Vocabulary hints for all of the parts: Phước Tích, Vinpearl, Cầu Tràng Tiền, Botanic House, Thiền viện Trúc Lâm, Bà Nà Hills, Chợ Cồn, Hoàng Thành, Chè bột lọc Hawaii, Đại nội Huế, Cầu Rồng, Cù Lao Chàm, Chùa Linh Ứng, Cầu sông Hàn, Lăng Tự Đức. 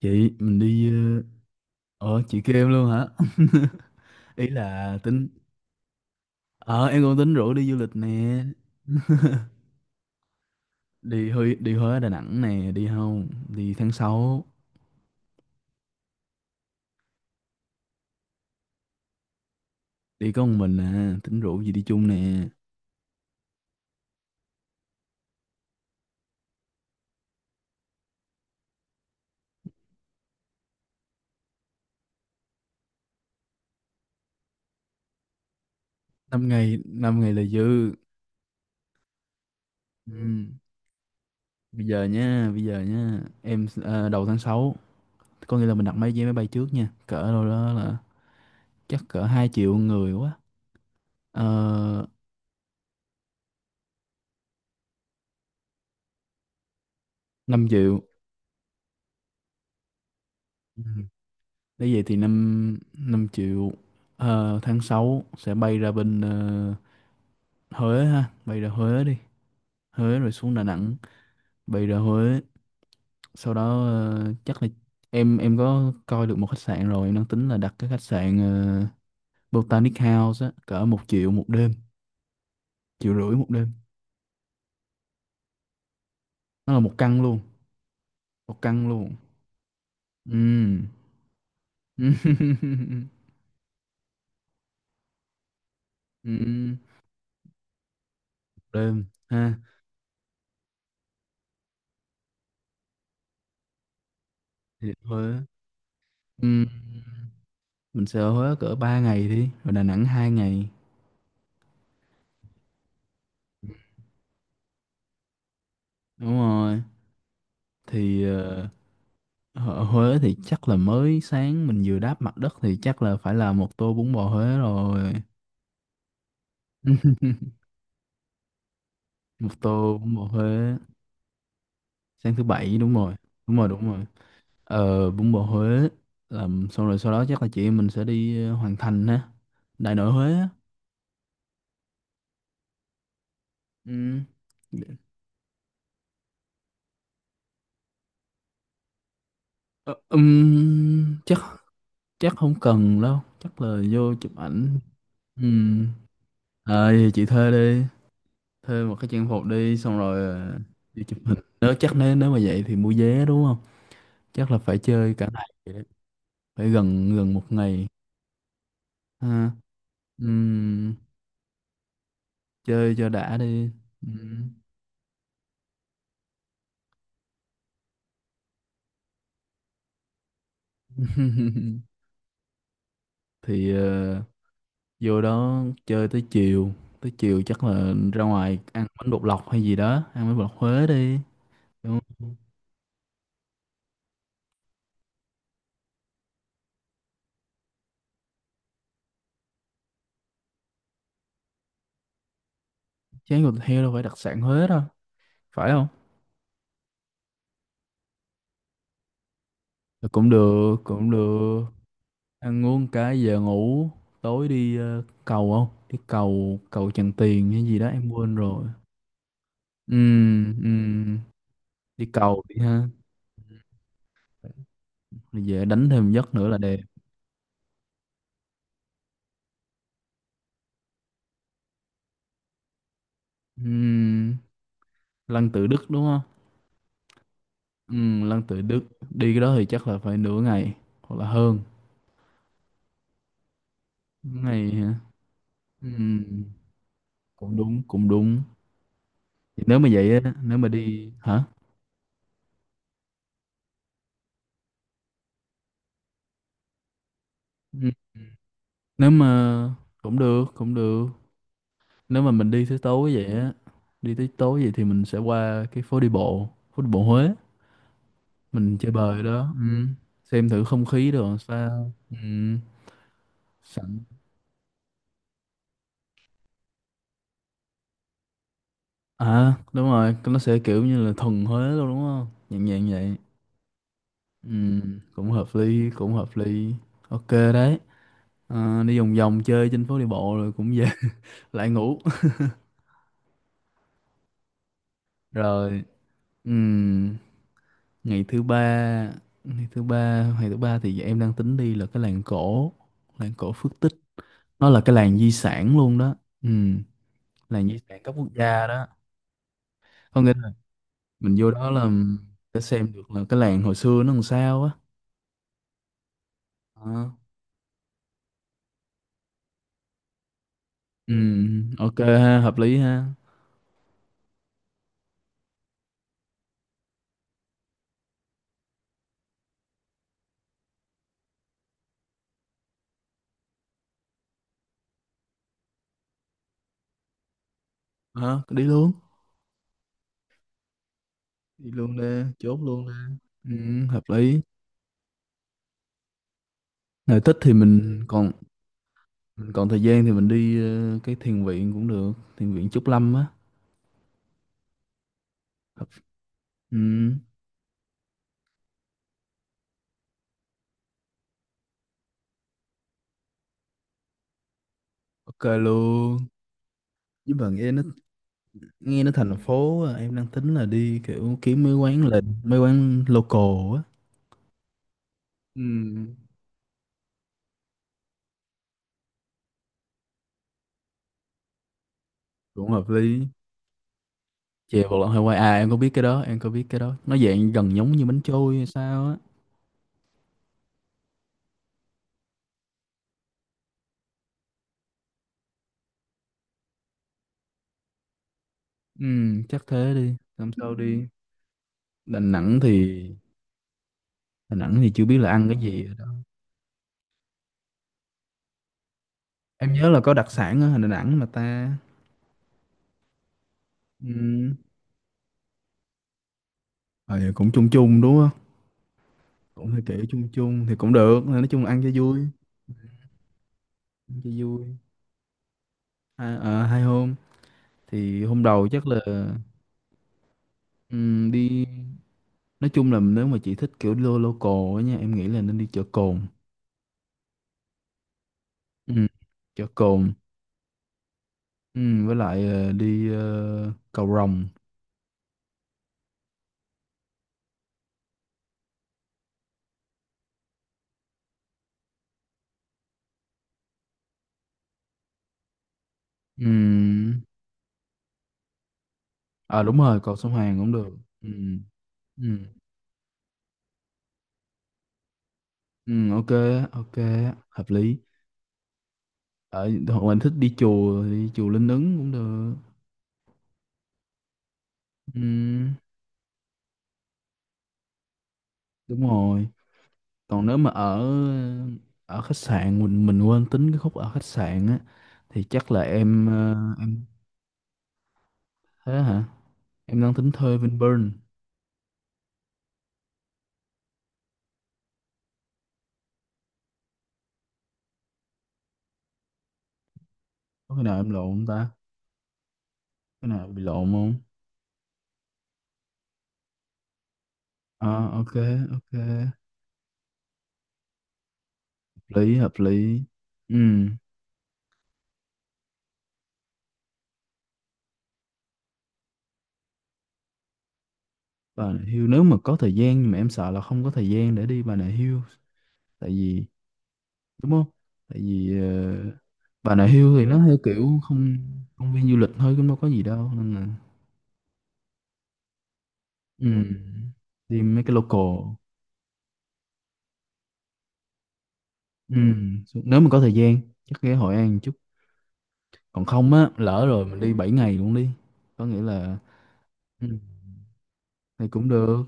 Chị mình đi ờ chị kêu em luôn hả? Ý là tính ờ em cũng tính rủ đi du lịch nè. Đi Huế, đi Huế Đà Nẵng nè, đi không? Đi tháng sáu. Đi có một mình à, tính rủ gì đi chung nè. Năm ngày, năm ngày là dư. Ừ. Bây giờ nha, bây giờ nha em đầu tháng sáu, có nghĩa là mình đặt máy vé máy bay trước nha, cỡ đâu đó là chắc cỡ hai triệu người quá. Ờ, 5 triệu. Ừ. Nếu vậy thì 5 5 triệu. Tháng 6 sẽ bay ra bên Huế ha, bay ra Huế đi. Huế rồi xuống Đà Nẵng, bay ra Huế, sau đó chắc là em có coi được một khách sạn rồi, em đang tính là đặt cái khách sạn Botanic House á, cỡ một triệu một đêm, triệu rưỡi một đêm. Nó là một căn luôn, một căn luôn. Ừm. Ừm. Đêm ha. Thì Huế. Ừm. Mình sẽ ở Huế cỡ 3 ngày đi, rồi Đà Nẵng 2 ngày. Đúng rồi. Thì ở Huế thì chắc là mới sáng mình vừa đáp mặt đất thì chắc là phải là một tô bún bò Huế rồi. Một tô bún bò Huế, sáng thứ bảy đúng rồi. Đúng rồi, đúng rồi. Ờ, bún bò Huế làm xong rồi sau đó chắc là chị em mình sẽ đi Hoàng Thành ha. Đại nội Huế á. Ừ. Ờ, chắc chắc không cần đâu, chắc là vô chụp ảnh. Ừ. Ờ thì chị thuê đi. Thuê một cái trang phục đi xong rồi ờ, đi chụp hình, nếu chắc nếu nếu mà vậy thì mua vé đúng không? Chắc là phải chơi cả ngày vậy đấy. Phải gần gần một ngày. Ha. Ừm. Chơi cho đã đi. Ừm. Thì vô đó chơi tới chiều, tới chiều chắc là ra ngoài ăn bánh bột lọc hay gì đó, ăn bánh bột lọc Huế đi, đúng không? Chén thịt heo đâu phải đặc sản Huế đâu, phải không? Cũng được, cũng được. Ăn uống cái giờ ngủ. Tối đi cầu, không đi cầu cầu Tràng Tiền hay gì đó em quên rồi. Ừ. Ừ. Đi cầu đi ha, rồi về đánh thêm giấc nữa là đẹp. Ừ, Lăng Tự Đức đúng không. Ừ, Lăng Tự Đức. Đi cái đó thì chắc là phải nửa ngày hoặc là hơn. Ngày hả? Ừ, cũng đúng, cũng đúng. Thì nếu mà vậy á, nếu mà đi hả. Nếu mà cũng được, cũng được. Nếu mà mình đi tới tối vậy á, đi tới tối vậy thì mình sẽ qua cái phố đi bộ, phố đi bộ Huế. Mình chơi bời đó. Ừ. Xem thử không khí đồ làm sao. Ừ. Sẵn. À đúng rồi, nó sẽ kiểu như là thuần Huế luôn đúng không, nhẹ nhàng vậy. Ừ. Cũng hợp lý, cũng hợp lý. Ok đấy. À, đi vòng vòng chơi trên phố đi bộ rồi cũng về. Lại ngủ. Rồi. Ừ. ngày thứ ba ngày thứ ba ngày thứ ba thì em đang tính đi là cái làng cổ, làng cổ Phước Tích. Nó là cái làng di sản luôn đó. Ừ, làng di sản cấp quốc gia đó. Có nghĩa là mình vô đó là sẽ xem được là cái làng hồi xưa nó làm sao á. Ờ. Ừ, ok ha, hợp lý ha. Ờ, đi luôn. Đi luôn nè, chốt luôn nè. Ừ, hợp lý. Nếu thích thì mình còn thời gian thì mình đi cái thiền viện cũng được, thiền viện Trúc Lâm á. Ừ, ok luôn. Với bạn nghe nó, nghe nó thành phố à, em đang tính là đi kiểu kiếm mấy quán lệnh, mấy quán local á. Ừ, cũng hợp lý. Chè bột lọc Hawaii à, em có biết cái đó, em có biết cái đó. Nó dạng gần giống như bánh trôi hay sao á. Ừ, chắc thế đi, làm. Ừ, sao đi. Đà Nẵng thì, Đà Nẵng thì chưa biết là ăn cái gì rồi đó. Em nhớ là có đặc sản ở Đà Nẵng mà ta. Ừ. Ờ, vậy cũng chung chung đúng không? Cũng hơi kiểu chung chung thì cũng được, nói chung là ăn cho vui, ăn cho vui. Hai, à, hai hôm thì hôm đầu chắc là ừ, đi. Nói chung là nếu mà chị thích kiểu lo local á nha, em nghĩ là nên đi chợ Cồn. Ừ. Chợ cồn. Ừ. Với lại đi cầu Rồng. Ừ. À đúng rồi, cầu sông Hàn cũng được. Ừ. Ừ. Ừ, ok. Ok, hợp lý. Ở hoặc là thích đi chùa thì đi chùa Linh Ứng cũng được. Ừ, đúng rồi. Còn nếu mà ở ờ, ở khách sạn mình quên tính cái khúc ở khách sạn á thì chắc là em em thế hả. Em đang tính thuê Vinpearl. Có cái nào em lộn không ta, cái nào bị lộn không? À, ok. Ok, lý hợp lý. Ừ. Bà Nà Hills nếu mà có thời gian, nhưng mà em sợ là không có thời gian để đi Bà Nà Hills, tại vì, đúng không, tại vì Bà Nà Hills thì nó theo kiểu không, công viên du lịch thôi cũng đâu có gì đâu nên là ừ, đi mấy cái local. Ừ, nếu mà có thời gian chắc ghé Hội An chút. Còn không á, lỡ rồi mình đi 7 ngày luôn đi, có nghĩa là ừ, thì cũng được.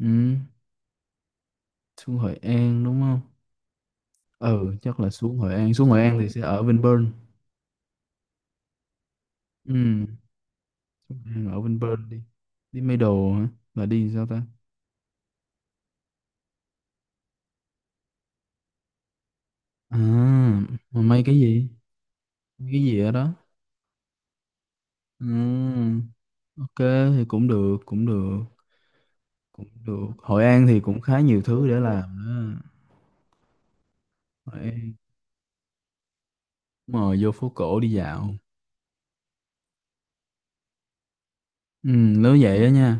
Ừ, xuống Hội An đúng không. Ừ, chắc là xuống Hội An, xuống Hội An thì sẽ ở Vinpearl. Ừ. Ừ, ở bên Perth đi, đi Middle hả, là đi sao ta? À, mà may cái gì, may cái gì ở đó? Ừ, ok, thì cũng được, cũng được. Cũng được, Hội An thì cũng khá nhiều thứ để làm đó. Hội An, mời vô phố cổ đi dạo. Ừ, nếu vậy á nha,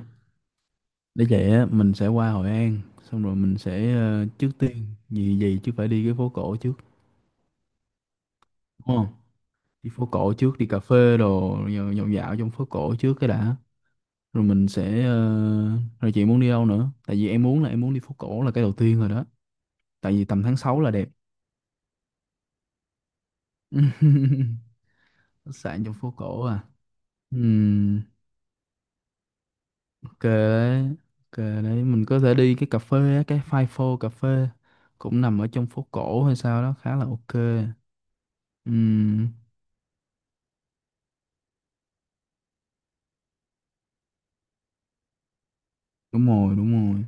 để vậy á mình sẽ qua Hội An, xong rồi mình sẽ trước tiên gì gì chứ phải đi cái phố cổ trước, đúng không? Đi phố cổ trước, đi cà phê đồ rồi dạo dạo trong phố cổ trước cái đã. Rồi mình sẽ rồi chị muốn đi đâu nữa, tại vì em muốn là em muốn đi phố cổ là cái đầu tiên rồi đó, tại vì tầm tháng sáu là đẹp. Khách sạn trong phố cổ à. Ừm, ok đấy. Ok đấy, mình có thể đi cái cà phê á, cái Five Four cà phê cũng nằm ở trong phố cổ hay sao đó, khá là ok. Ừm, đúng rồi, đúng rồi.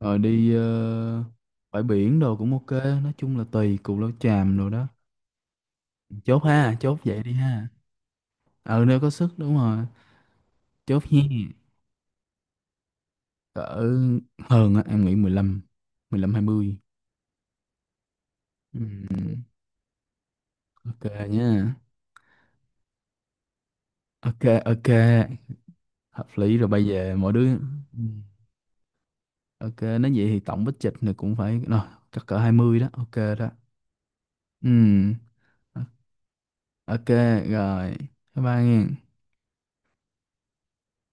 Rồi đi bãi biển đồ cũng ok. Nói chung là tùy Cù Lao Chàm đồ đó. Chốt ha, chốt vậy đi ha. Ừ, nếu có sức đúng rồi, chốt nha. Cỡ hơn á em nghĩ 15, 15 20. Ừm, ok nhá. Ok. Ok, hợp lý rồi, bây giờ mỗi đứa. Ừm, ok nói vậy thì tổng bích trịch này cũng phải rồi, chắc cỡ 20 đó. Ok đó. Ừm, ok. Rồi. Bye bye nghe.